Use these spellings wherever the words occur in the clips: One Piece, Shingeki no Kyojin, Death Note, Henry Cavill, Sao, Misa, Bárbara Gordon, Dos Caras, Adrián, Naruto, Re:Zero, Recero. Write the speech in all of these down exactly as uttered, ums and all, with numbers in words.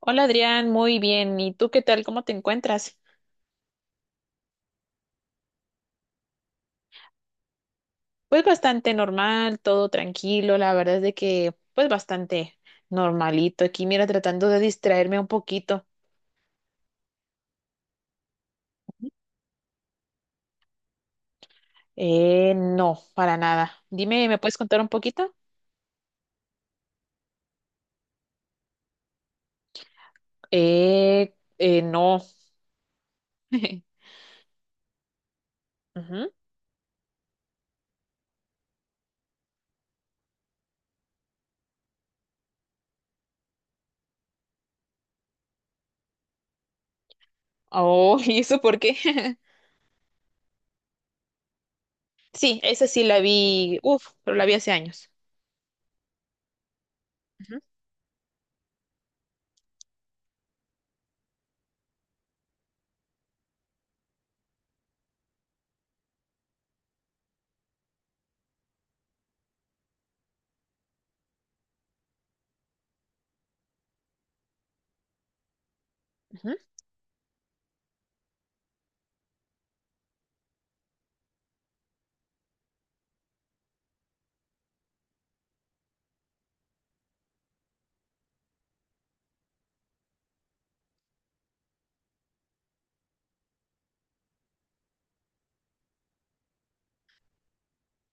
Hola Adrián, muy bien. ¿Y tú qué tal? ¿Cómo te encuentras? Pues bastante normal, todo tranquilo. La verdad es de que, pues bastante normalito. Aquí, mira, tratando de distraerme un poquito. Eh, no, para nada. Dime, ¿me puedes contar un poquito? Eh, eh, no. Ujú. Oh, ¿y eso por qué? Sí, esa sí la vi, uf, pero la vi hace años. Ujú, ujú.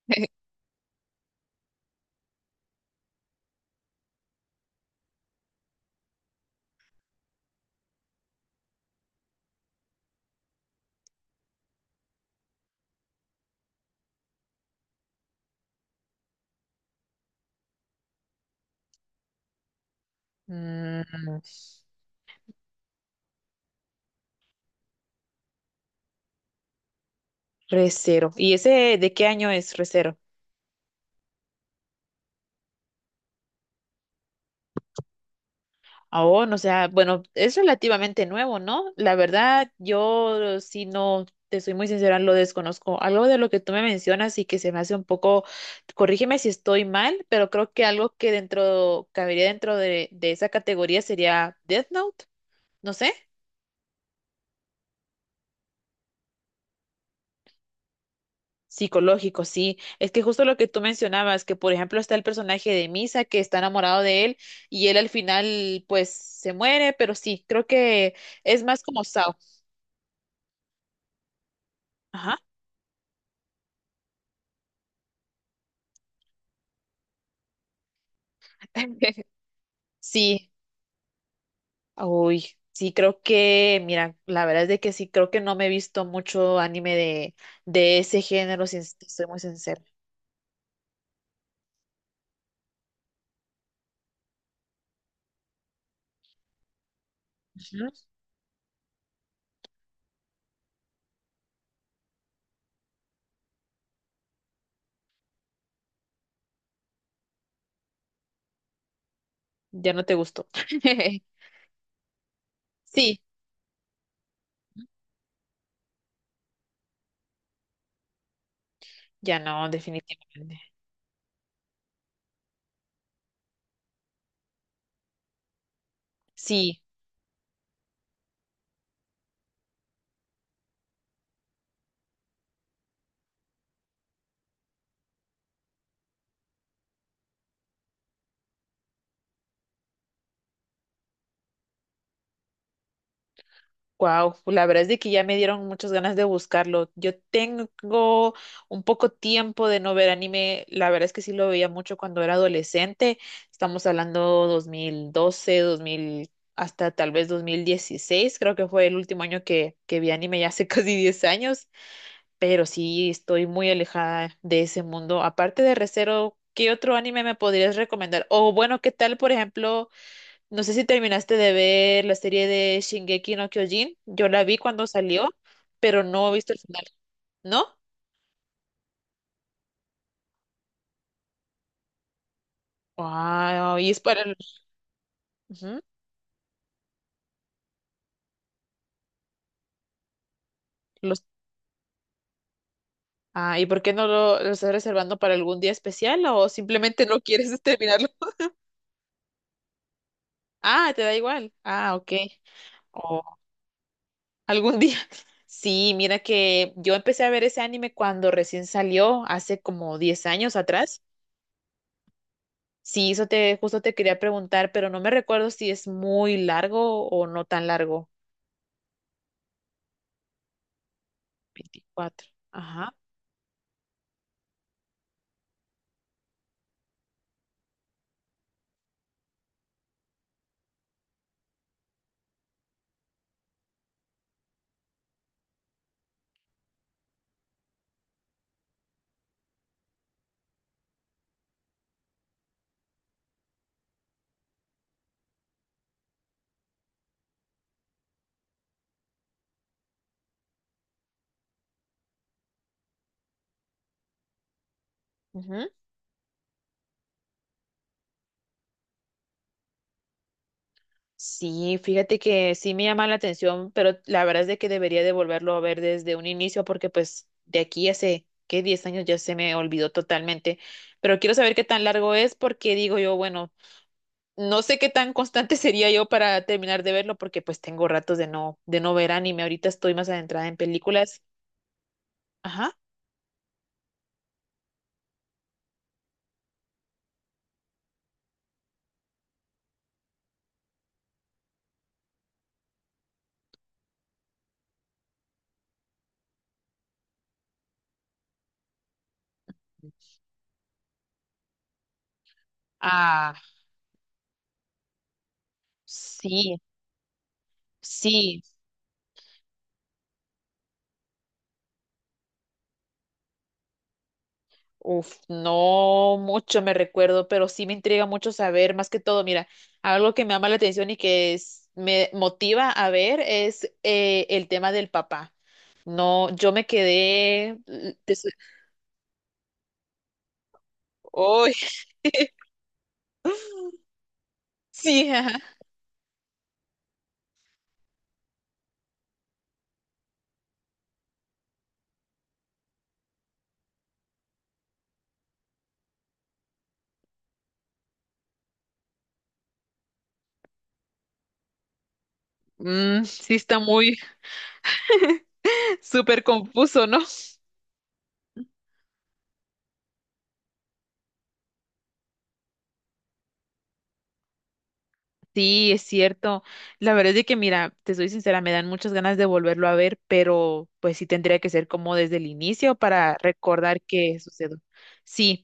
Mm, Recero. ¿Y ese de qué año es Recero? Aún, o sea, bueno, es relativamente nuevo, ¿no? La verdad, yo sí no, te soy muy sincera, lo desconozco. Algo de lo que tú me mencionas y que se me hace un poco, corrígeme si estoy mal, pero creo que algo que dentro, cabería dentro de, de esa categoría sería Death Note, no sé. Psicológico, sí. Es que justo lo que tú mencionabas, que por ejemplo está el personaje de Misa que está enamorado de él y él al final pues se muere, pero sí, creo que es más como Sao. Ajá. Sí. Uy, sí, creo que, mira, la verdad es de que sí, creo que no me he visto mucho anime de, de ese género, si es- soy muy sincera. Ujú. Ya no te gustó. Sí, ya no, definitivamente. Sí. Wow, la verdad es de que ya me dieron muchas ganas de buscarlo. Yo tengo un poco tiempo de no ver anime. La verdad es que sí lo veía mucho cuando era adolescente. Estamos hablando dos mil doce, dos mil hasta tal vez dos mil dieciséis. Creo que fue el último año que, que vi anime, ya hace casi diez años. Pero sí estoy muy alejada de ese mundo. Aparte de Re:Zero, ¿qué otro anime me podrías recomendar? O bueno, ¿qué tal, por ejemplo? No sé si terminaste de ver la serie de Shingeki no Kyojin. Yo la vi cuando salió, pero no he visto el final. ¿No? Wow, y es para el- Ujú, los... Ah, ¿y por qué no lo, lo estás reservando para algún día especial o simplemente no quieres terminarlo? Ah, te da igual. Ah, ok. O algún día. Sí, mira que yo empecé a ver ese anime cuando recién salió, hace como diez años atrás. Sí, eso te, justo te quería preguntar, pero no me recuerdo si es muy largo o no tan largo. Veinticuatro, ajá. Ujú. Sí, fíjate que sí me llama la atención, pero la verdad es de que debería de volverlo a ver desde un inicio porque pues de aquí hace, ¿qué? diez años ya se me olvidó totalmente. Pero quiero saber qué tan largo es porque digo yo, bueno, no sé qué tan constante sería yo para terminar de verlo porque pues tengo ratos de no, de no ver anime. Ahorita estoy más adentrada en películas. Ajá. Ah, sí, sí. Uf, no mucho me recuerdo, pero sí me intriga mucho saber, más que todo, mira, algo que me llama la atención y que es- me motiva a ver es eh, el tema del papá. No, yo me quedé. l- te soy- ¡Uy! Sí, ajá. Mm, sí está muy súper confuso, ¿no? Sí, es cierto. La verdad es de que, mira, te soy sincera, me dan muchas ganas de volverlo a ver, pero pues sí tendría que ser como desde el inicio para recordar qué sucedió. Sí,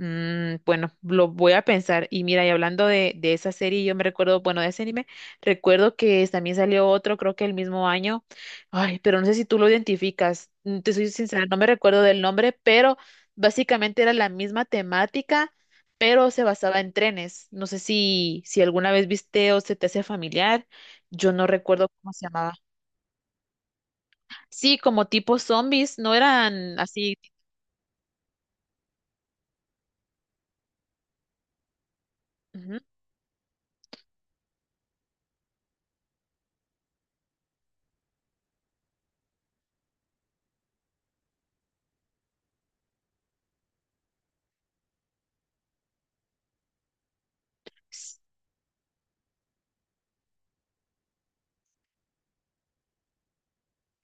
Mm, bueno, lo voy a pensar. Y mira, y hablando de, de esa serie, yo me recuerdo, bueno, de ese anime, recuerdo que también salió otro, creo que el mismo año. Ay, pero no sé si tú lo identificas. Mm, Te soy sincera, no me recuerdo del nombre, pero básicamente era la misma temática, pero se basaba en trenes. No sé si, si alguna vez viste o se te hace familiar. Yo no recuerdo cómo se llamaba. Sí, como tipo zombies, no eran así. Ujú.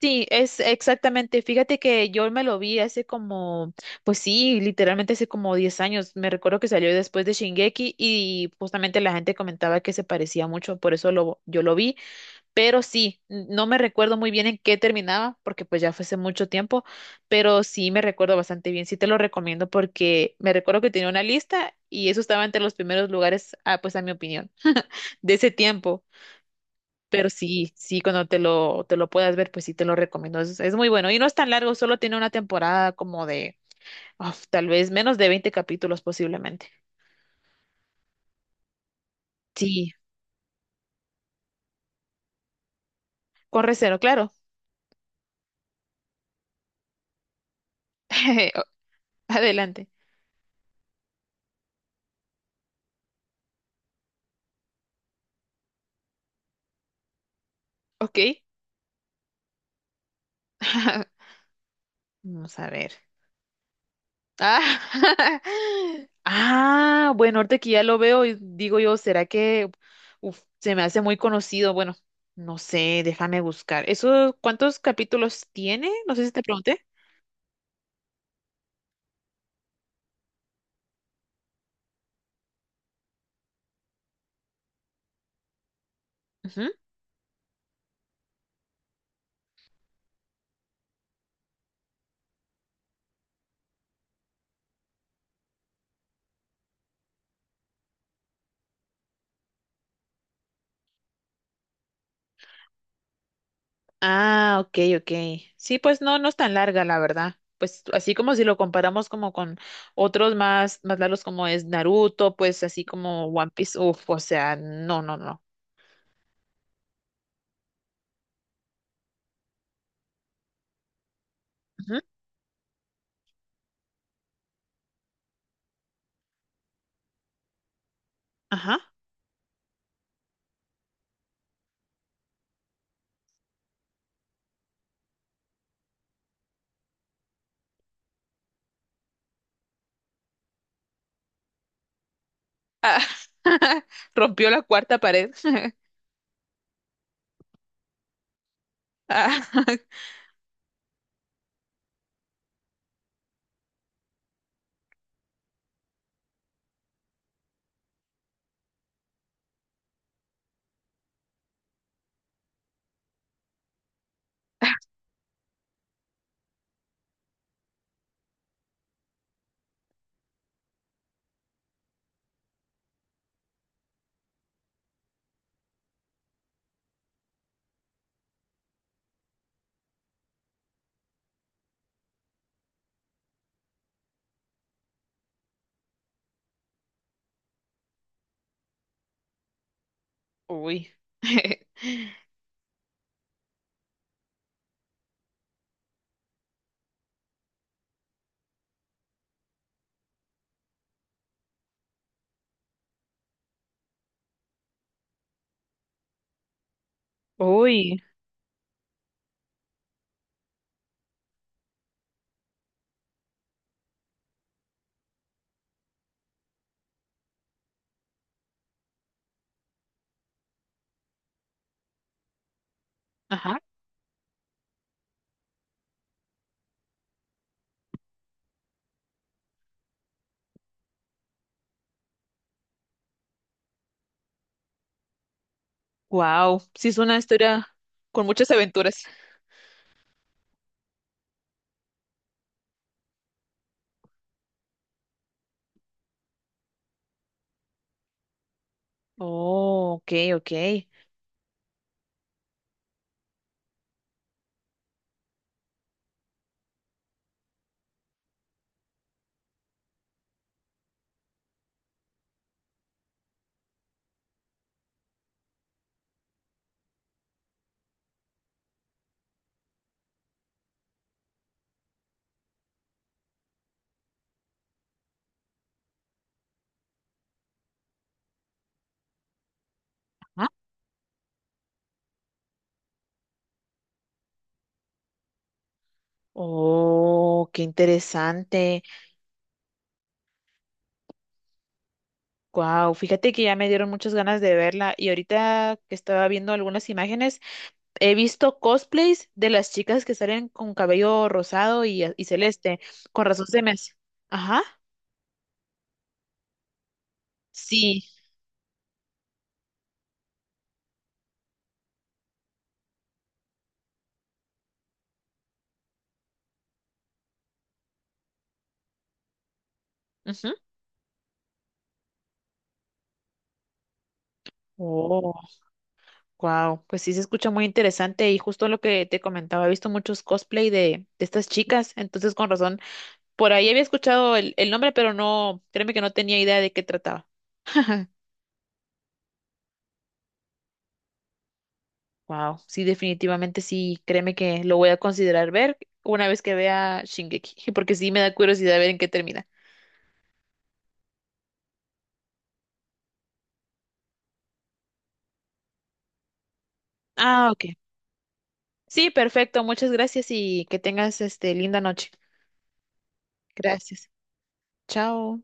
Sí, es exactamente. Fíjate que yo me lo vi hace como, pues sí, literalmente hace como diez años. Me recuerdo que salió después de Shingeki y justamente la gente comentaba que se parecía mucho, por eso lo, yo lo vi. Pero sí, n- no me recuerdo muy bien en qué terminaba, porque pues ya fue hace mucho tiempo, pero sí me recuerdo bastante bien. Sí te lo recomiendo porque me recuerdo que tenía una lista y eso estaba entre los primeros lugares, ah, pues a mi opinión, de ese tiempo. Pero sí, sí, cuando te lo, te lo puedas ver, pues sí te lo recomiendo. Es, es muy bueno. Y no es tan largo, solo tiene una temporada como de, uf, tal vez menos de veinte capítulos posiblemente. Sí, corre cero, claro. O- Adelante. Ok. Vamos a ver. Ah, ah, bueno, ahorita que ya lo veo, y digo yo, ¿será que uf, se me hace muy conocido? Bueno, no sé, déjame buscar. ¿Eso cuántos capítulos tiene? No sé si te pregunté. Ah, ok, ok. Sí, pues no, no es tan larga, la verdad. Pues así como si lo comparamos como con otros más, más largos como es Naruto, pues así como One Piece, uf, o sea, no, no, no. Ujú, ajá. Rompió la cuarta pared. Ah, Uy. Uy. Ajá. Wow. Sí, es una historia con muchas aventuras. Oh, ok, ok. Ah, oh, qué interesante. Wow, fíjate que ya me dieron muchas ganas de verla y ahorita que estaba viendo algunas imágenes, he visto cosplays de las chicas que salen con cabello rosado y, y celeste. Con razón se me hace. Ajá, sí. Ujú. Oh, wow, pues sí se escucha muy interesante y justo lo que te comentaba, he visto muchos cosplay de, de estas chicas, entonces con razón, por ahí había escuchado el, el nombre, pero no, créeme que no tenía idea de qué trataba. Wow, sí, definitivamente sí, créeme que lo voy a considerar ver una vez que vea Shingeki, porque sí me da curiosidad ver en qué termina. Ah, ok. Sí, perfecto, muchas gracias y que tengas este linda noche. Gracias. Chao.